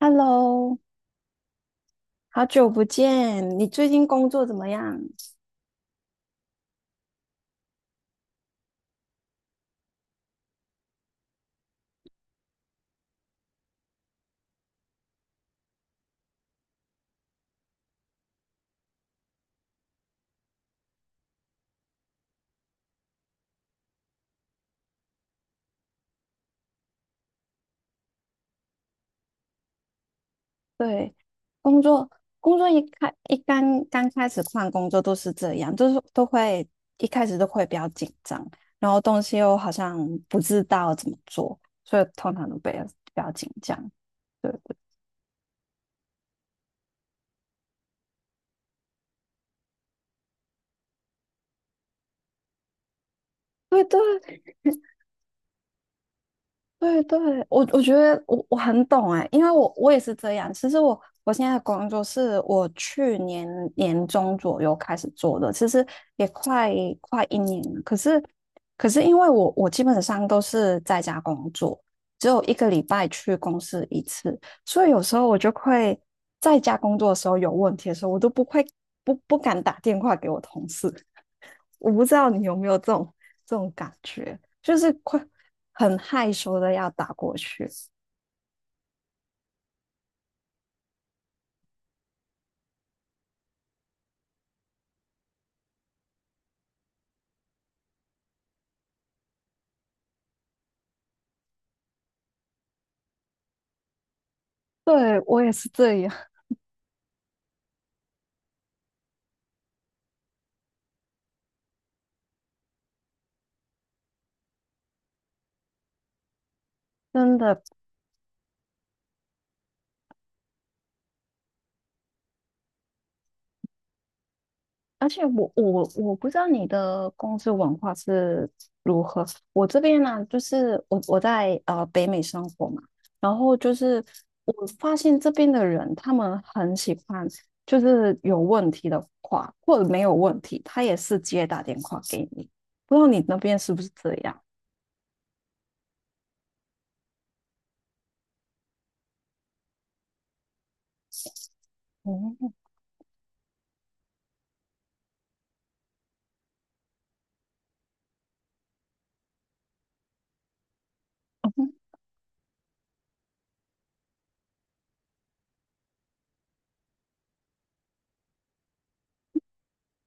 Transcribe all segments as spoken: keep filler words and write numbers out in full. Hello,好久不见，你最近工作怎么样？对，工作工作一开一刚刚开始换工作都是这样，就是都会一开始都会比较紧张，然后东西又好像不知道怎么做，所以通常都比较比较紧张。对对对，对对，我我觉得我我很懂哎，因为我我也是这样。其实我我现在的工作是我去年年中左右开始做的，其实也快快一年了。可是可是因为我我基本上都是在家工作，只有一个礼拜去公司一次，所以有时候我就会在家工作的时候有问题的时候，我都不会不不敢打电话给我同事，我不知道你有没有这种这种感觉，就是快很害羞的要打过去。对，我也是这样，真的。而且我我我不知道你的公司文化是如我这边呢、就是我我在呃北美生活嘛，然后就是我发现这边的人他们很喜欢，就是有问题的话或者没有问题，他也是直接打电话给你。不知道你那边是不是这样？哦，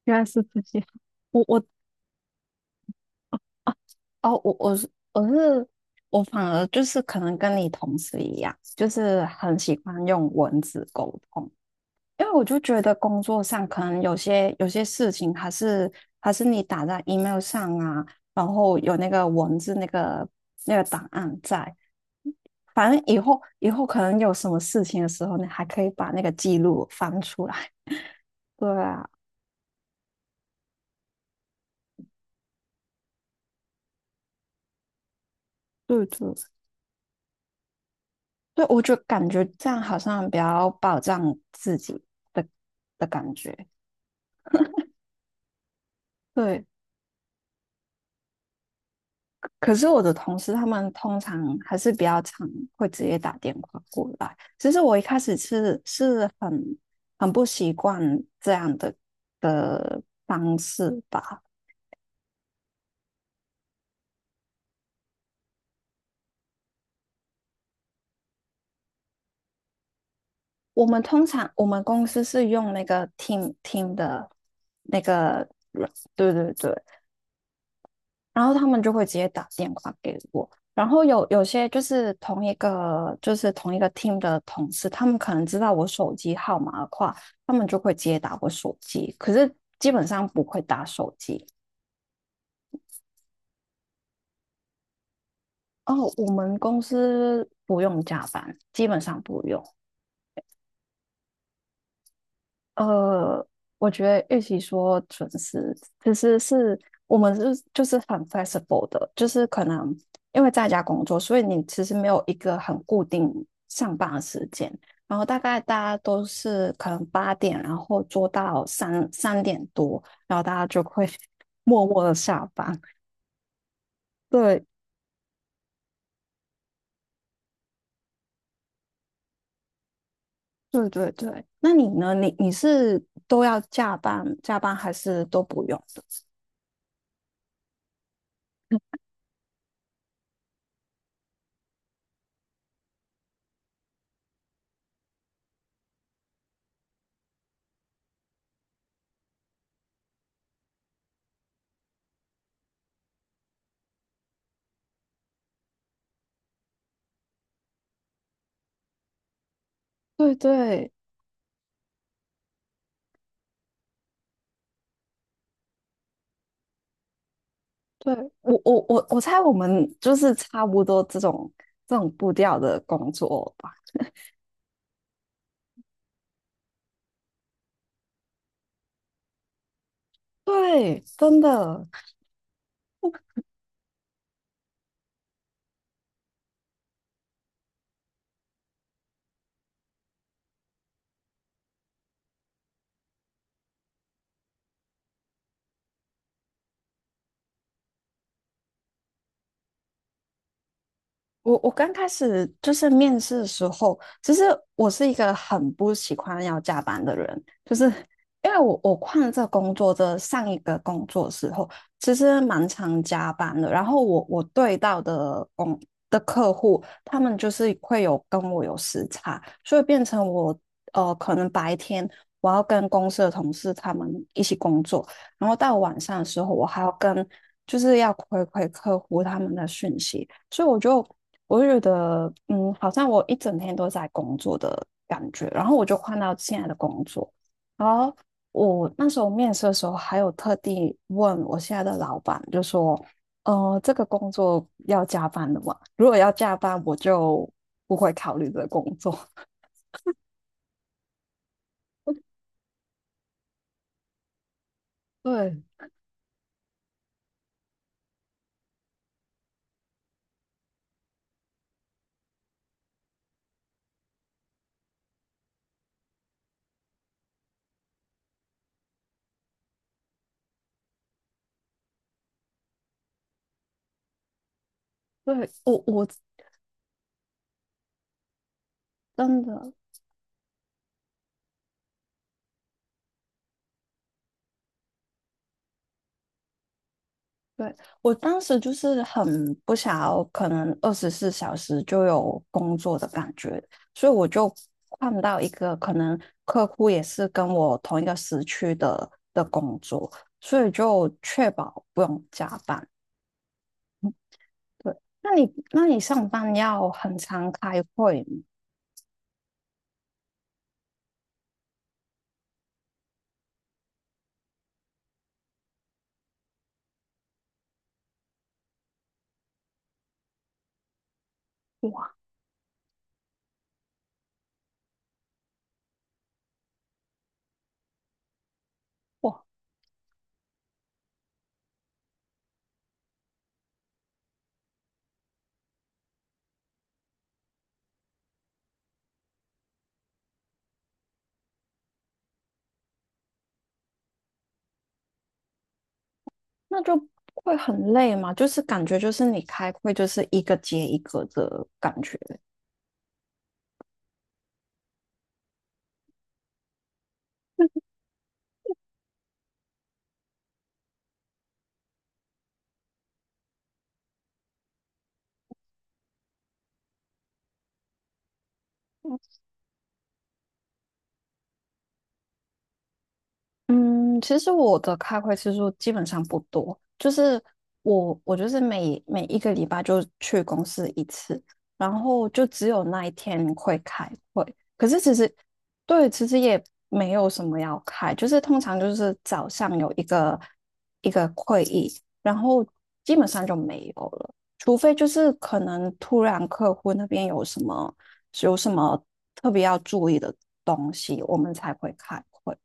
原来是自己。我我啊哦，我我是我是我反而就是可能跟你同事一样，就是很喜欢用文字沟通，因为我就觉得工作上可能有些有些事情还是还是你打在 email 上啊，然后有那个文字那个那个档案在，反正以后以后可能有什么事情的时候，你还可以把那个记录翻出来。对啊，对对。对，我就感觉这样好像比较保障自己的的感觉。对，可是我的同事他们通常还是比较常会直接打电话过来。其实我一开始是是很很不习惯这样的的方式吧。我们通常我们公司是用那个听听的那个软，对对对，然后他们就会直接打电话给我。然后有有些就是同一个就是同一个 team 的同事，他们可能知道我手机号码的话，他们就会直接打我手机，可是基本上不会打手机。哦，我们公司不用加班，基本上不用。呃，我觉得与其说准时，其实是我们是就是很 flexible 的，就是可能因为在家工作，所以你其实没有一个很固定上班的时间，然后大概大家都是可能八点，然后做到三三点多，然后大家就会 默默的下班。对对对对，那你呢？你你是都要加班加班还是都不用的？对对。对，我我我我猜我们就是差不多这种这种步调的工作吧。对，真的，我我刚开始就是面试的时候，其实我是一个很不喜欢要加班的人，就是因为我我换了这个工作的上一个工作的时候，其实蛮常加班的。然后我我对到的工的客户，他们就是会有跟我有时差，所以变成我呃可能白天我要跟公司的同事他们一起工作，然后到晚上的时候我还要跟就是要回馈客户他们的讯息。所以我就我就觉得，嗯，好像我一整天都在工作的感觉，然后我就换到现在的工作，然后我那时候面试的时候，还有特地问我现在的老板，就说，呃，这个工作要加班的吗？如果要加班，我就不会考虑这个工作。对，对，我我真的。对，我当时就是很不想要，可能二十四小时就有工作的感觉，所以我就换到一个可能客户也是跟我同一个时区的的工作，所以就确保不用加班。嗯对，那你那你上班要很常开会吗？哇，那就会很累嘛，就是感觉就是你开会就是一个接一个的感觉。嗯，其实我的开会次数基本上不多，就是我我就是每每一个礼拜就去公司一次，然后就只有那一天会开会。可是其实对，其实也没有什么要开，就是通常就是早上有一个一个会议，然后基本上就没有了，除非就是可能突然客户那边有什么有什么特别要注意的东西，我们才会开会。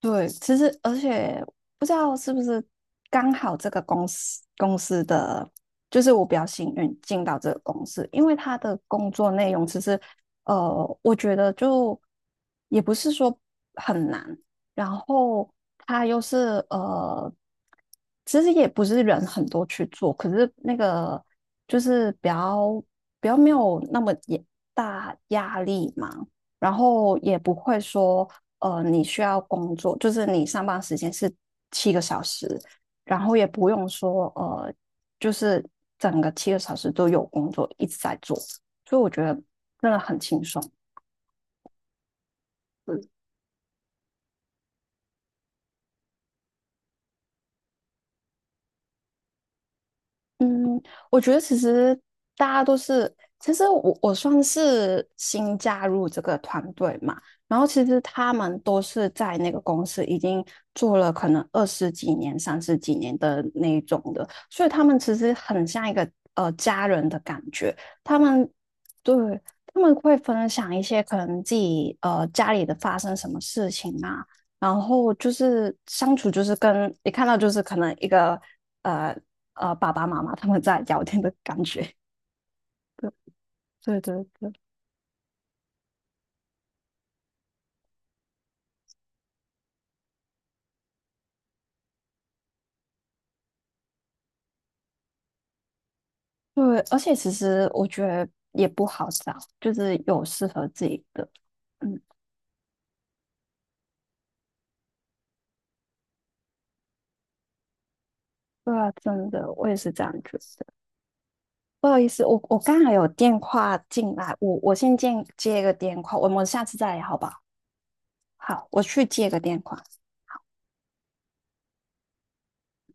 对，其实而且不知道是不是刚好这个公司公司的，就是我比较幸运进到这个公司，因为他的工作内容其实，呃，我觉得就也不是说很难，然后他又是呃，其实也不是人很多去做，可是那个就是比较比较没有那么也大压力嘛，然后也不会说，呃，你需要工作，就是你上班时间是七个小时，然后也不用说，呃，就是整个七个小时都有工作一直在做，所以我觉得真的很轻松。对嗯，我觉得其实大家都是，其实我我算是新加入这个团队嘛，然后其实他们都是在那个公司已经做了可能二十几年、三十几年的那一种的，所以他们其实很像一个呃家人的感觉，他们对他们会分享一些可能自己呃家里的发生什么事情啊。然后就是相处，就是跟你看到就是可能一个呃呃爸爸妈妈他们在聊天的感觉。对对对对对，而且其实我觉得也不好找，就是有适合自己的。嗯，对啊，真的，我也是这样觉得。不好意思，我我刚才有电话进来，我我先接接一个电话，我们下次再聊好不好？好，我去接个电话。